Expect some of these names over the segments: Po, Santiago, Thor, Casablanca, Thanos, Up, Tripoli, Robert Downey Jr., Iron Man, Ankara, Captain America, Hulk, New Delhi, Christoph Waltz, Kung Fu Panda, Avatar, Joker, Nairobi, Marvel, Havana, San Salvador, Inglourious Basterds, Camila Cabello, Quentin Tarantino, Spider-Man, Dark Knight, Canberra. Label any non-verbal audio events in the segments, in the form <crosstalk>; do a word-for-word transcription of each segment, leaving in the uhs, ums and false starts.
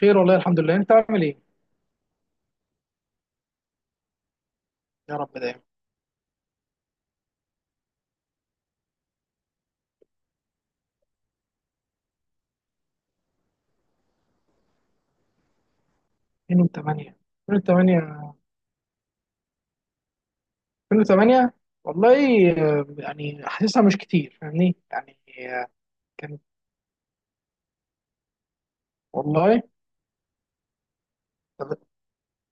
خير والله الحمد لله، انت عامل ايه؟ يا رب دايما. ألفين وتمانية. ألفين وتمانية. ألفين وثمانية. والله. آه، يعني حاسسها مش كتير فاهمني يعني. آه، كان والله. طب-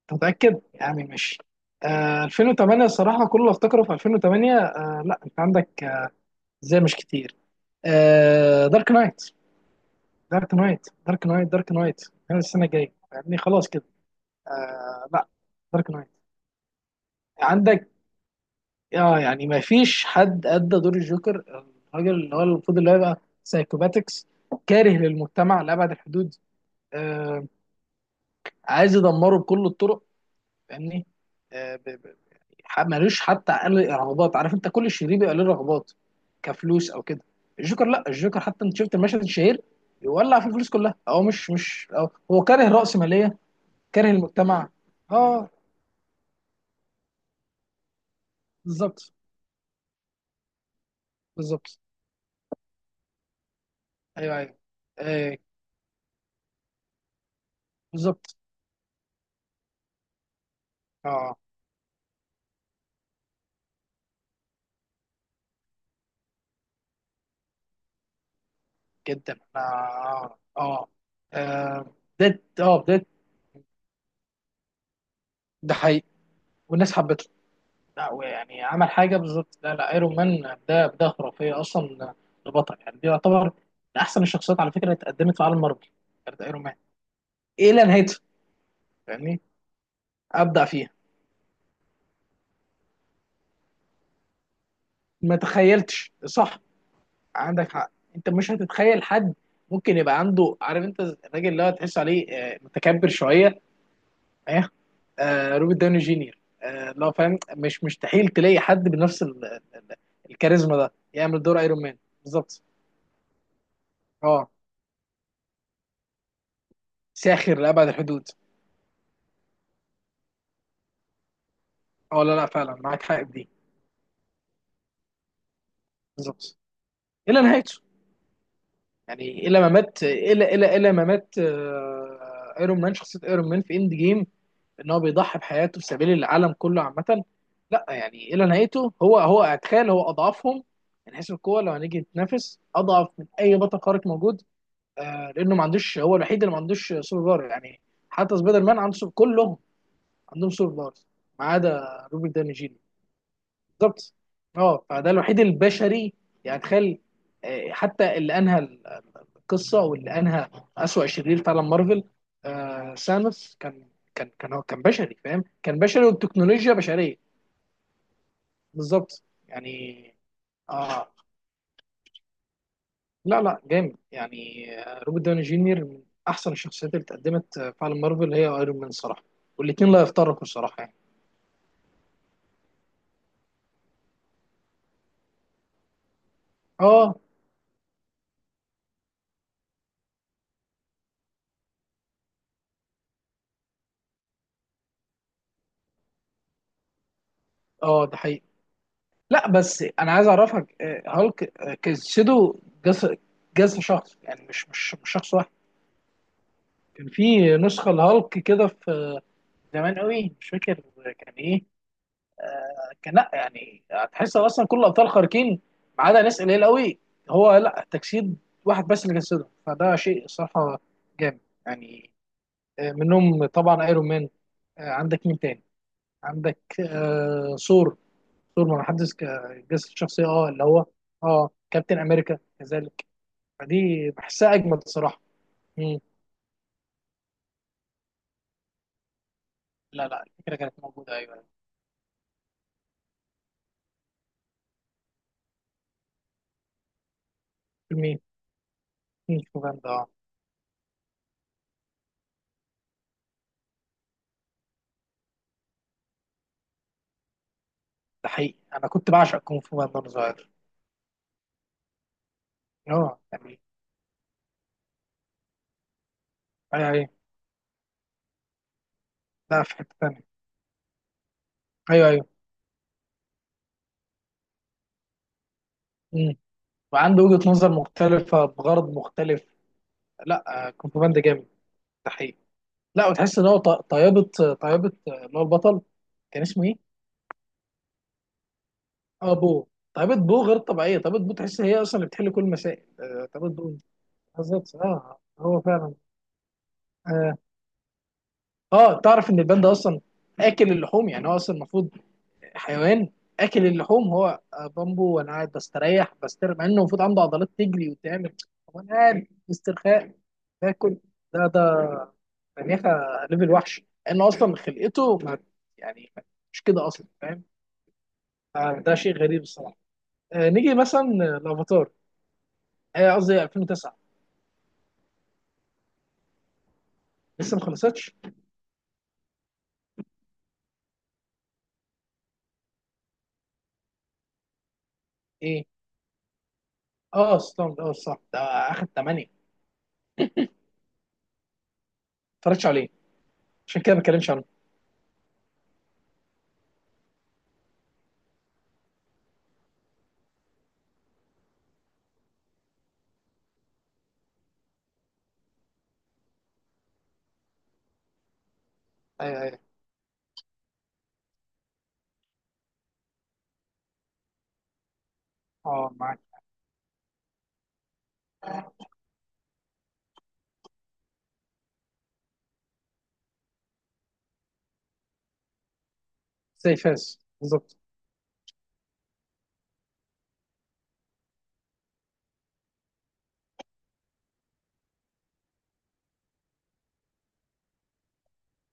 تتأكد يعني مش. آه ألفين وتمانية الصراحة، كل اللي افتكره في ألفين وتمانية. آه لا انت عندك. آه، ازاي مش كتير؟ آه دارك نايت، دارك نايت، دارك نايت، دارك نايت. السنة الجاية يعني خلاص كده. آه لا، دارك نايت. عندك. اه يعني ما فيش حد ادى دور الجوكر، الراجل اللي هو المفروض اللي هو يبقى سايكوباتكس، كاره للمجتمع لابعد الحدود. آه عايز يدمره بكل الطرق، فاهمني. آه ب- ب- ح- ملوش حتى اقل رغبات، عارف انت كل شرير بيبقى له رغبات، كفلوس او كده. الجوكر لا، الجوكر حتى انت شفت المشهد الشهير، يولع في الفلوس كلها. هو مش مش أو هو كاره رأسمالية، كاره المجتمع. اه بالظبط. بالظبط. ايوه ايوه. آه بالظبط. اه جدا، اه اه. آه، بداية، اه بداية. ده حقيقي. والناس حبته. لا يعني عمل حاجة بالظبط. لا لا، ايرون مان ده بداية خرافية اصلا لبطل، يعني دي يعتبر من احسن الشخصيات على فكرة اللي اتقدمت في عالم مارفل، كانت ايرون مان الى نهايته، يعني ابدع فيها. ما تخيلتش، صح. عندك حق، انت مش هتتخيل حد ممكن يبقى عنده، عارف انت الراجل اللي هو تحس عليه آه، متكبر شوية، ايه. آه روبرت داوني جينيور، آه لو فاهم مش مستحيل تلاقي حد بنفس ال- ال- ال- الكاريزما ده يعمل دور ايرون مان. بالظبط. اه ساخر لابعد الحدود. اه لا لا، فعلا معاك حق في دي. بالظبط. الى نهايته يعني، الى ما مات، الى الى الى ما مات. آه ايرون مان، شخصيه ايرون مان في اند جيم ان هو بيضحي بحياته في سبيل العالم كله عامه. لا يعني الى نهايته، هو هو اتخيل هو اضعفهم من حيث القوه، لو هنيجي نتنافس اضعف من اي بطل خارق موجود. آه لانه ما عندوش، هو الوحيد اللي ما عندوش سوبر باور يعني، حتى سبايدر مان عنده سوبر، كلهم عندهم سوبر باور، ما عدا روبرت داني جيني. بالظبط. اه فده الوحيد البشري، يعني تخيل. آه، حتى اللي انهى القصه واللي انهى اسوأ شرير في عالم مارفل، آه سانوس، كان كان كان هو كان بشري، فاهم، كان بشري والتكنولوجيا بشريه. بالظبط، يعني. اه لا لا جامد يعني. آه، روبرت داوني جونيور من احسن الشخصيات اللي اتقدمت آه، في عالم مارفل هي ايرون مان صراحه، والاثنين لا يفترقوا الصراحه يعني. اه اه. ده حقيقي. لا بس انا عايز اعرفك، آه، هالك، آه، جسده، جس جسم شخص يعني، مش مش مش شخص واحد. كان في نسخه لهالك كده في زمان قوي، مش فاكر كان ايه. كان لا يعني هتحس اصلا كل الابطال خارقين ما عدا ناس قليل قوي. هو لا، تجسيد واحد بس اللي جسده، فده شيء صراحه جامد يعني. آه، منهم طبعا ايرون مان. آه، عندك مين تاني؟ عندك آه، ثور. ثور ما حدش ك- جسد شخصيه اه اللي هو. اه كابتن امريكا كذلك. فدي بحسها اجمد الصراحه. مم. لا لا، الفكره كانت موجوده ايوه. فيلمين. كونغ فو باندا، اه. ده حقيقي، انا كنت بعشق كونغ فو باندا وانا صغير. اه يعني، يعني. لا في حتة تانية. ايوه ايوه. مم. وعنده وجهة نظر مختلفة بغرض مختلف. لا، آه، كونتروباند جامد، ده حقيقي. لا وتحس ان هو ط- طيابة، طيابة آه، اللي هو البطل، كان اسمه ايه؟ اه بو. طيابة بو غير طبيعية، طيابة بو تحس هي اصلا اللي بتحل كل المسائل، آه، طيابة بو. بالظبط اه، هو فعلا. اه. آه، تعرف ان البان ده اصلا اكل اللحوم، يعني هو اصلا المفروض حيوان اكل اللحوم، هو بامبو وانا قاعد بستريح بستر مع انه المفروض عنده عضلات تجري وتعمل. هو انا قاعد استرخاء باكل. ده ده مناخة ليفل وحش، لان اصلا خلقته ما يعني مش كده اصلا، فاهم. آه، ده شيء غريب الصراحه. آه نيجي مثلا الافاتار، آه، قصدي ألفين وتسعة. لسه ما خلصتش. ايه. اه ستاند، اه صح، ده اخد تمانية. ما اتفرجتش عليه عشان كده ما بتكلمش عنه. ايوه ايوه. اه معاك. زي فاس بالظبط.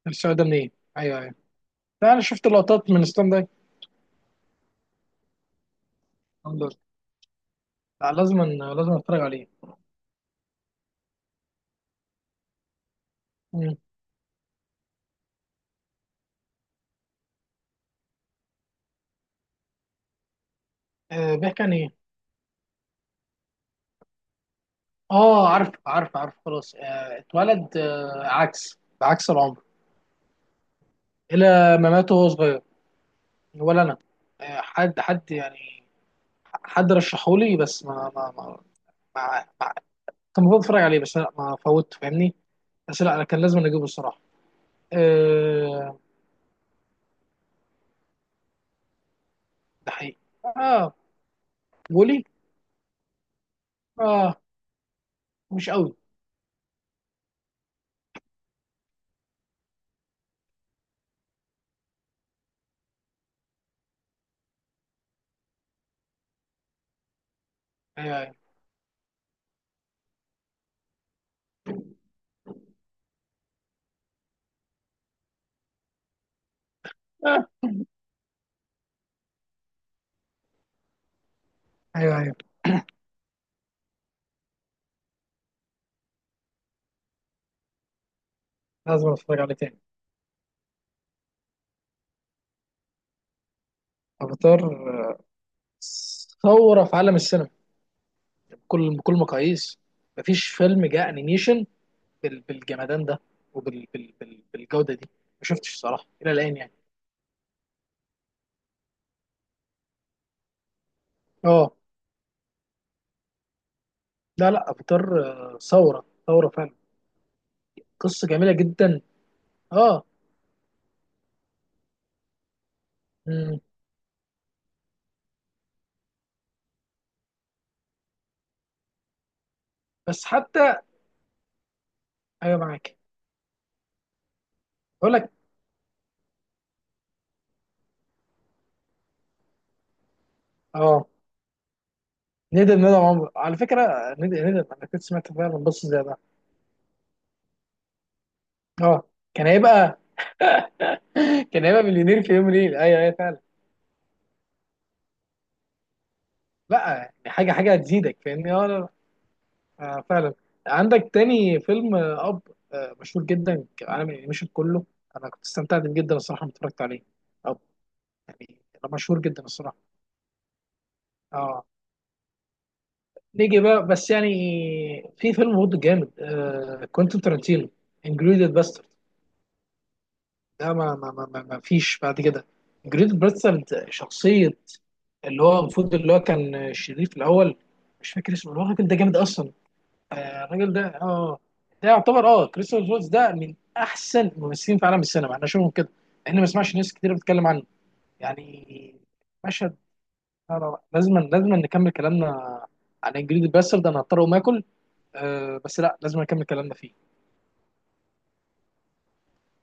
الشعور ده منين. ايوه أيوه. لا انا شفت لقطات من ستاند اب. الحمد لله. لا، لازم. لازم اتفرج عليه. مم. آه بيحكي عن ايه؟ اه عارف عارف عارف خلاص، آه اتولد آه عكس بعكس العمر. الى ما مات وهو صغير. ولا انا. آه حد حد يعني، حد رشحولي بس ما ما ما, ما, ما كان المفروض اتفرج عليه، بس لا ما فوت فاهمني. بس لا انا كان لازم اجيبه الصراحه. آه ده حقيقي. اه بولي. اه مش قوي. ايوه ايوه. آه. ايوه ايوه. لازم اتفرج عليه تاني. افاتار، ثوره في عالم السينما بكل بكل مقاييس. مفيش فيلم جاء انيميشن بال- بالجمدان ده وبالجوده دي ما شفتش صراحه الى الان يعني. اه لا لا، افاتار. آه، ثوره ثوره فعلا. قصه جميله جدا. اه. مم. بس حتى. ايوه معاك. اقول لك، اه ندم ندم، عمر على فكره، ندم ندم، انا كنت سمعت فعلا بص زي ده. اه كان هيبقى. <laughs> كان هيبقى مليونير في يوم ليل، ايوه ايوه فعلا. لا يعني حاجه حاجه هتزيدك فاهمني، اه لا. آه فعلا. عندك تاني فيلم آه، اب، آه مشهور جدا كعالم الانيميشن كله، انا كنت استمتعت بيه جدا الصراحه لما اتفرجت عليه. اب يعني مشهور جدا الصراحه. اه نيجي بقى بس يعني، في فيلم برضه جامد، آه كوينتين تارانتينو، انجريدد باسترد. ده ما ما ما ما ما فيش بعد كده. انجريدد باسترد، شخصيه اللي هو المفروض اللي هو كان شريف الاول، مش فاكر اسمه، اللي هو الراجل ده جامد اصلا. الراجل ده اه، ده يعتبر اه كريستوفر فولتز ده من احسن الممثلين في عالم السينما، احنا شوفهم كده، احنا ما سمعش ناس كتير بتتكلم عنه يعني، مشهد. لا لا لا، لازم لازم نكمل كلامنا عن انجريد الباسترد ده، انا هضطر اقوم اكل آه بس لا لازم نكمل كلامنا فيه.